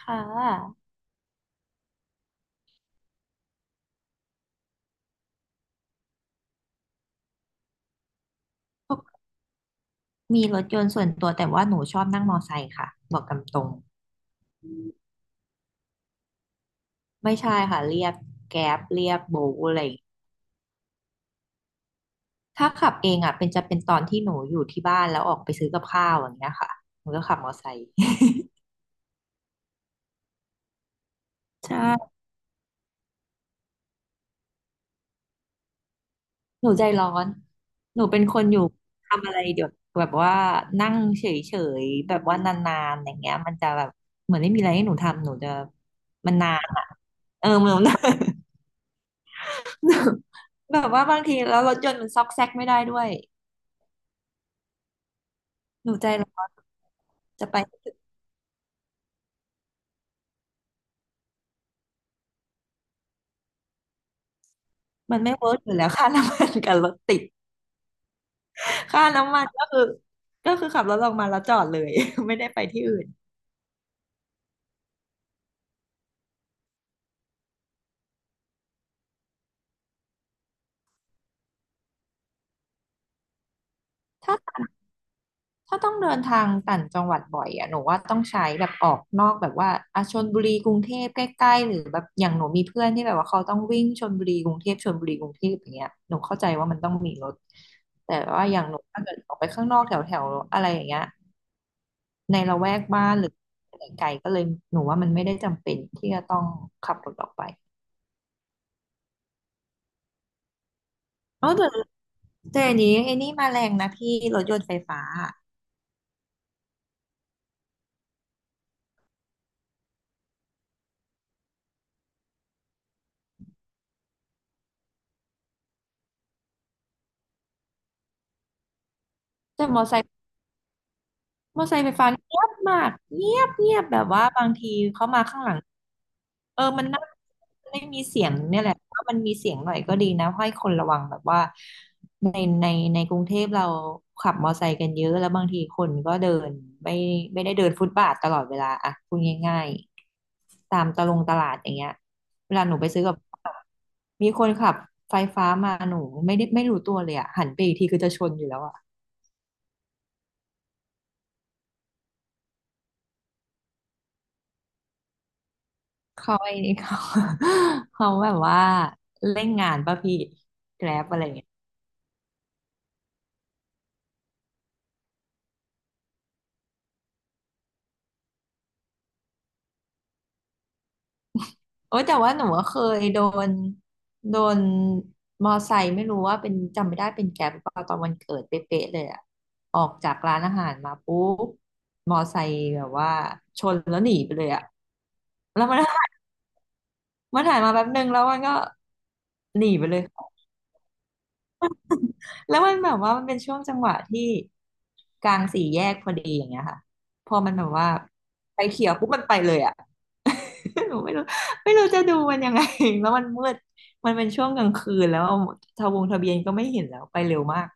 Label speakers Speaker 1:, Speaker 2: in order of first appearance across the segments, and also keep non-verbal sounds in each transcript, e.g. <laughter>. Speaker 1: ค่ะมีรถยนต์ส่วนตัวแต่ว่าหนูชอบนั่งมอไซค์ค่ะบอกตามตรงไม่ใช่ค่ะเรียกแกร็บเรียกโบว์อะไรอย่างถ้าขับเองอ่ะเป็นจะเป็นตอนที่หนูอยู่ที่บ้านแล้วออกไปซื้อกับข้าวอย่างเงี้ยค่ะหนูก็ขับมอไซค์ <laughs> ใช่หนูใจร้อนหนูเป็นคนอยู่ทำอะไรเดี๋ยวแบบว่านั่งเฉยๆแบบว่านานๆอย่างเงี้ยมันจะแบบเหมือนไม่มีอะไรให้หนูทำหนูจะมันนานอ่ะเออมันนาน แบบว่าบางทีแล้วรถยนต์มันซอกแซกไม่ได้ด้วยหนูใจร้อนจะไปให้ถึงมันไม่เวิร์กอยู่แล้วค่าน้ำมันกับรถติดค่าน้ำมันก็คือขับรถออกมาแล้วจอดเลย <laughs> ไม่ได้ไปที่อื่นถ้าถ้าต้องเดินทางต่างจังหวัดบ่อยอะหนูว่าต้องใช้แบบออกนอกแบบว่าอาชลบุรีกรุงเทพใกล้ๆหรือแบบอย่างหนูมีเพื่อนที่แบบว่าเขาต้องวิ่งชลบุรีกรุงเทพชลบุรีกรุงเทพอย่างเงี้ยหนูเข้าใจว่ามันต้องมีรถแต่ว่าอย่างหนูถ้าเกิดออกไปข้างนอกแถวๆอะไรอย่างเงี้ย ในละแวกบ้านหรือไกลๆก็เลยหนูว่ามันไม่ได้จำเป็นที่จะต้องขับรถออกไปเอาแต่แต่อันนี้ไอ้นี่มาแรงนะพี่รถยนต์ไฟฟ้าแต่มอไซค์ มอไซค์ไฟฟ้าเงียบมากเงียบเงียบแบบว่าบางทีเขามาข้างหลังเออมันน่าไม่มีเสียงเนี่ยแหละถ้ามันมีเสียงหน่อยก็ดีนะให้คนระวังแบบว่าในในในกรุงเทพเราขับมอไซค์กันเยอะแล้วบางทีคนก็เดินไม่ไม่ได้เดินฟุตบาทตลอดเวลาอะพูดง่ายๆตามตะลงตลาดอย่างเงี้ยเวลาหนูไปซื้อกับข้าวมีคนขับไฟฟ้ามาหนูไม่ได้ไม่รู้ตัวเลยอะหันไปอีกทีคือจะชนอยู่แล้วอะ เขาไอ้นี่เขา <laughs> เขาแบบว่าเล่นงานป่ะพี่แกร็บอะไรเงี้ยโอ้ยแต่ว่าหนูก็เคยนโดนมอไซค์ไม่รู้ว่าเป็นจำไม่ได้เป็นแกร็บหรือเปล่าตอนวันเกิดเป๊ะๆเลยอะออกจากร้านอาหารมาปุ๊บมอไซค์แบบว่าชนแล้วหนีไปเลยอะแล้วมัน <laughs> มันหายมาแป๊บนึงแล้วมันก็หนีไปเลย แล้วมันแบบว่ามันเป็นช่วงจังหวะที่กลางสี่แยกพอดีอย่างเงี้ยค่ะพอมันแบบว่าไฟเขียวปุ๊บมันไปเลยอ่ะ <laughs> หนูไม่รู้จะดูมันยังไง <laughs> แล้วมันมืดมันเป็นช่วงกลางคืนแล้วทะวงทะเบียนก็ไม่เห็นแล้วไปเร็วมาก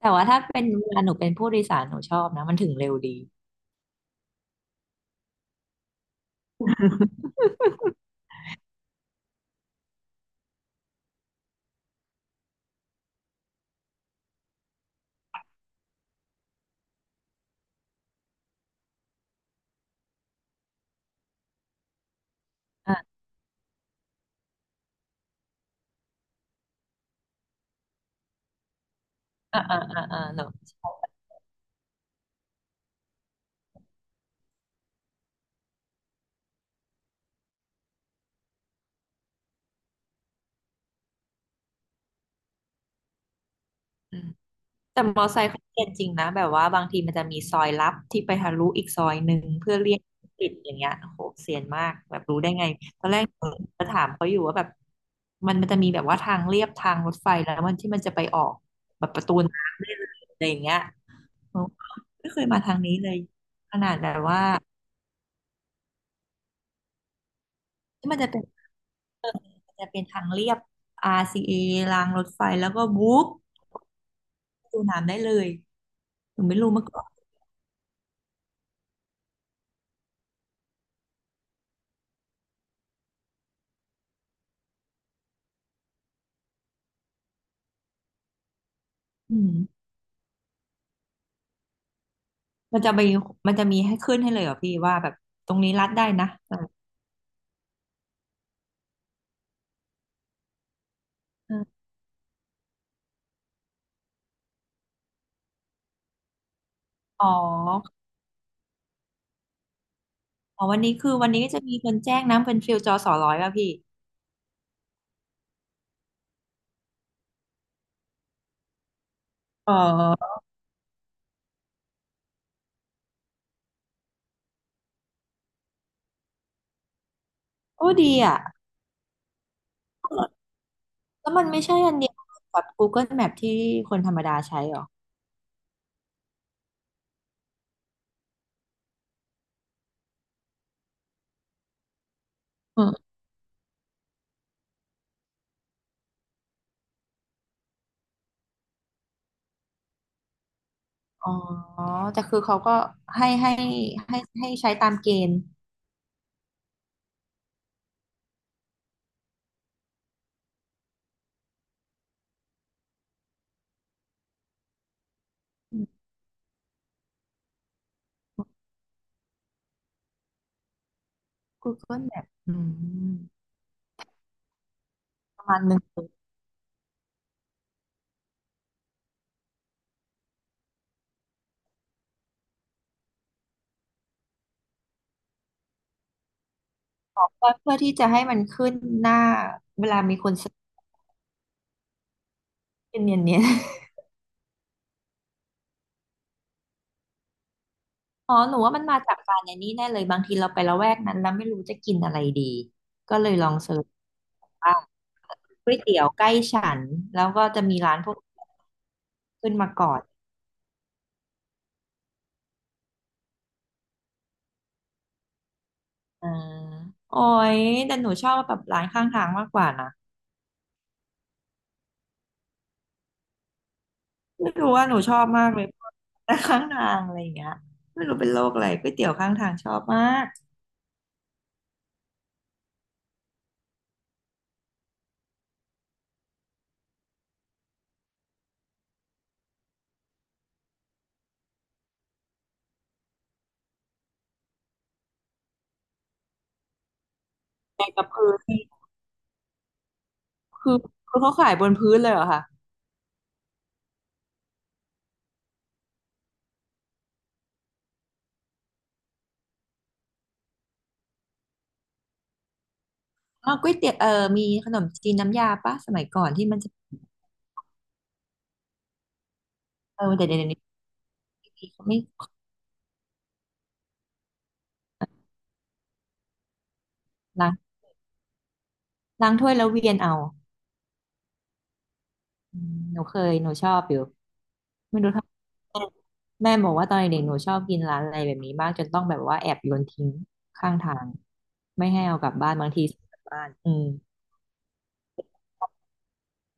Speaker 1: แต่ว่าถ้าเป็นเวลาหนูเป็นผู้โดยสารหนูชอบนะมันถึงเร็วดีอ่าหนู แต่มอไซค์เขาเรียนจริงนะแบบว่าบางทีมันจะมีซอยลับที่ไปทะลุอีกซอยหนึ่งเพื่อเลี่ยงติดอย่างเงี้ยโอ้โหเซียนมากแบบรู้ได้ไงตอนแรกจะถามเขาอยู่ว่าแบบมันมันจะมีแบบว่าทางเลียบทางรถไฟแล้วมันที่มันจะไปออกแบบประตูน้ำได้เลยอะไรอย่างเงี้ยโอ้ไม่เคยมาทางนี้เลยขนาดแบบว่าที่มันจะเป็นเออมันจะเป็นทางเลียบ RCA รซีเอรางรถไฟแล้วก็บุ๊บประตูน้ำได้เลยหนูไม่รู้มาก่อนอืม มันจะมีมันจะมีให้ขึ้นให้เลยเหรอพี่ว่าแบบตรงนี้รัดได้นะเอออ๋ออ๋อวันนี้ก็จะมีคนแจ้งน้ำเป็นฟิลจอสอร้อยป่ะพี่อ๋อโอ้ดีอ่ะแล้วมันไม่ใช่อันเดียวกับ Google Map ที่คนธรรมดาใช้เหรออืมอ๋อแต่คือเขาก็ให้ให้ให้ใช้ตามเกณฑ์อืม Google Map ประมาณหนึ่งเพื่อที่จะให้มันขึ้นหน้าเวลามีคนเซอร์ชเนียน อ๋อหนูว่ามันมาจากการในนี้แน่เลยบางทีเราไประแวกนั้นแล้วไม่รู้จะกินอะไรดี ก็เลยลองเสิร์ชว่าก๋วยเตี๋ยวใกล้ฉันแล้วก็จะมีร้านพวกขึ้นมาก่อนอ่าโอ้ยแต่หนูชอบแบบร้านข้างทางมากกว่านะไม่รู้ว่าหนูชอบมากเลยร้านข้างทางอะไรอย่างเงี้ยไม่รู้เป็นโรคอะไรก๋วยเตี๋ยวข้างทางชอบมากแต่กับพื้นนี่คือคือเขาขายบนพื้นเลยเหรอคะอ๋อก๋วยเตี๋ยวเออมีขนมจีนน้ำยาปะสมัยก่อนที่มันจะเออแต่เดี๋ยวนี้ไม่ ล้างล้างถ้วยแล้วเวียนเอาอืมหนูเคยหนูชอบอยู่ไม่รู้ทำไมแม่บอกว่าตอนเด็กๆหนูชอบกินร้านอะไรแบบนี้มากจนต้องแบบว่าแอบโยนทิ้งข้างทางไม่ให้เอากลับบ้านบางทีซื้อกลับบ้านอืม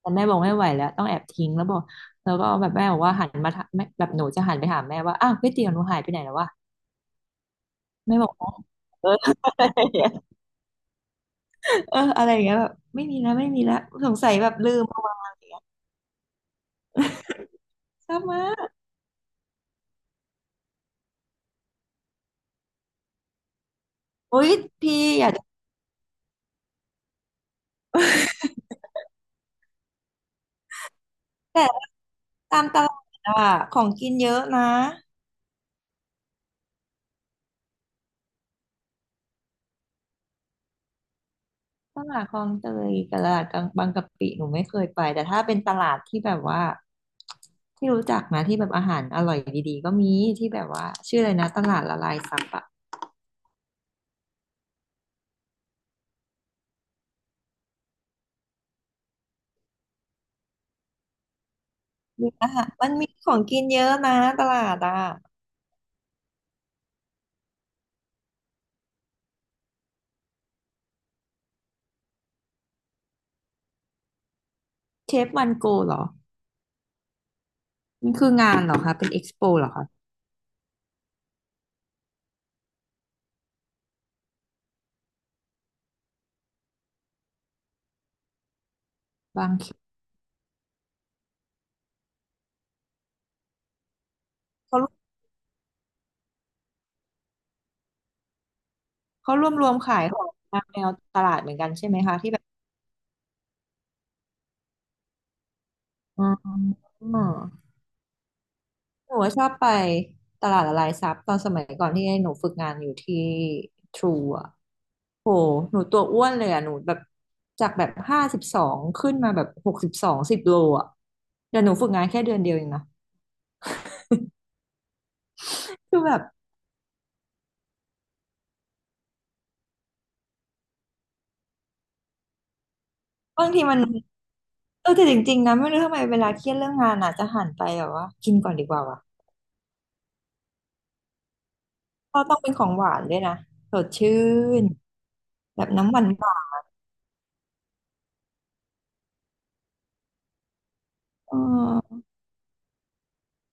Speaker 1: แต่แม่บอกไม่ไหวแล้วต้องแอบทิ้งแล้วบอกแล้วก็แบบแม่บอกว่าหันมาถามแม่แบบหนูจะหันไปถามแม่ว่าอ้าวก๋วยเตี๋ยวหนูหายไปไหนแล้ววะแม่บอกอ๋อเออ <laughs> อะไรเงี้ยอออะไรอย่างเงี้ยแบบไม่มีแล้วสงสัยแบบลืมเอามาชอบมากโยพี่อยากจะแต่ ตามตลาดอะของกินเยอะนะตลาดคลองเตยกับตลาดกลางบางกะปิหนูไม่เคยไปแต่ถ้าเป็นตลาดที่แบบว่าที่รู้จักนะที่แบบอาหารอร่อยดีๆก็มีที่แบบว่าชื่ออะไรนะตลาดละลายซับอะมีอาหารมันมีของกินเยอะนะตลาดอะเชฟวันโกเหรอมันคืองานเหรอคะเป็นเอ็กซ์โปเหรอคะบางเขนเขาเขารวมขายของตามแนวตลาดเหมือนกันใช่ไหมคะที่แบบอ๋อ หนูว่าชอบไปตลาดละลายซับตอนสมัยก่อนที่หนูฝึกงานอยู่ที่ทรูอ่ะโหหนูตัวอ้วนเลยอ่ะหนูแบบจากแบบ52ขึ้นมาแบบ6210 โลอ่ะแต่หนูฝึกงานแค่เดือนเดียวเองนะคือแบบบางทีมันเออแต่จริงๆนะไม่รู้ทำไมเวลาเครียดเรื่องงานอ่ะจะหันไปแบบว่ากินก่อนดีกว่าวะก็ต้องเป็นของหวานด้วยนะสดชื่นแบบน้ำหวานหวานเออ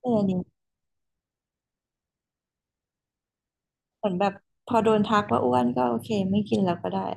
Speaker 1: เอนนี้เหมือนแบบพอโดนทักว่าอ้วนก็โอเคไม่กินแล้วก็ได้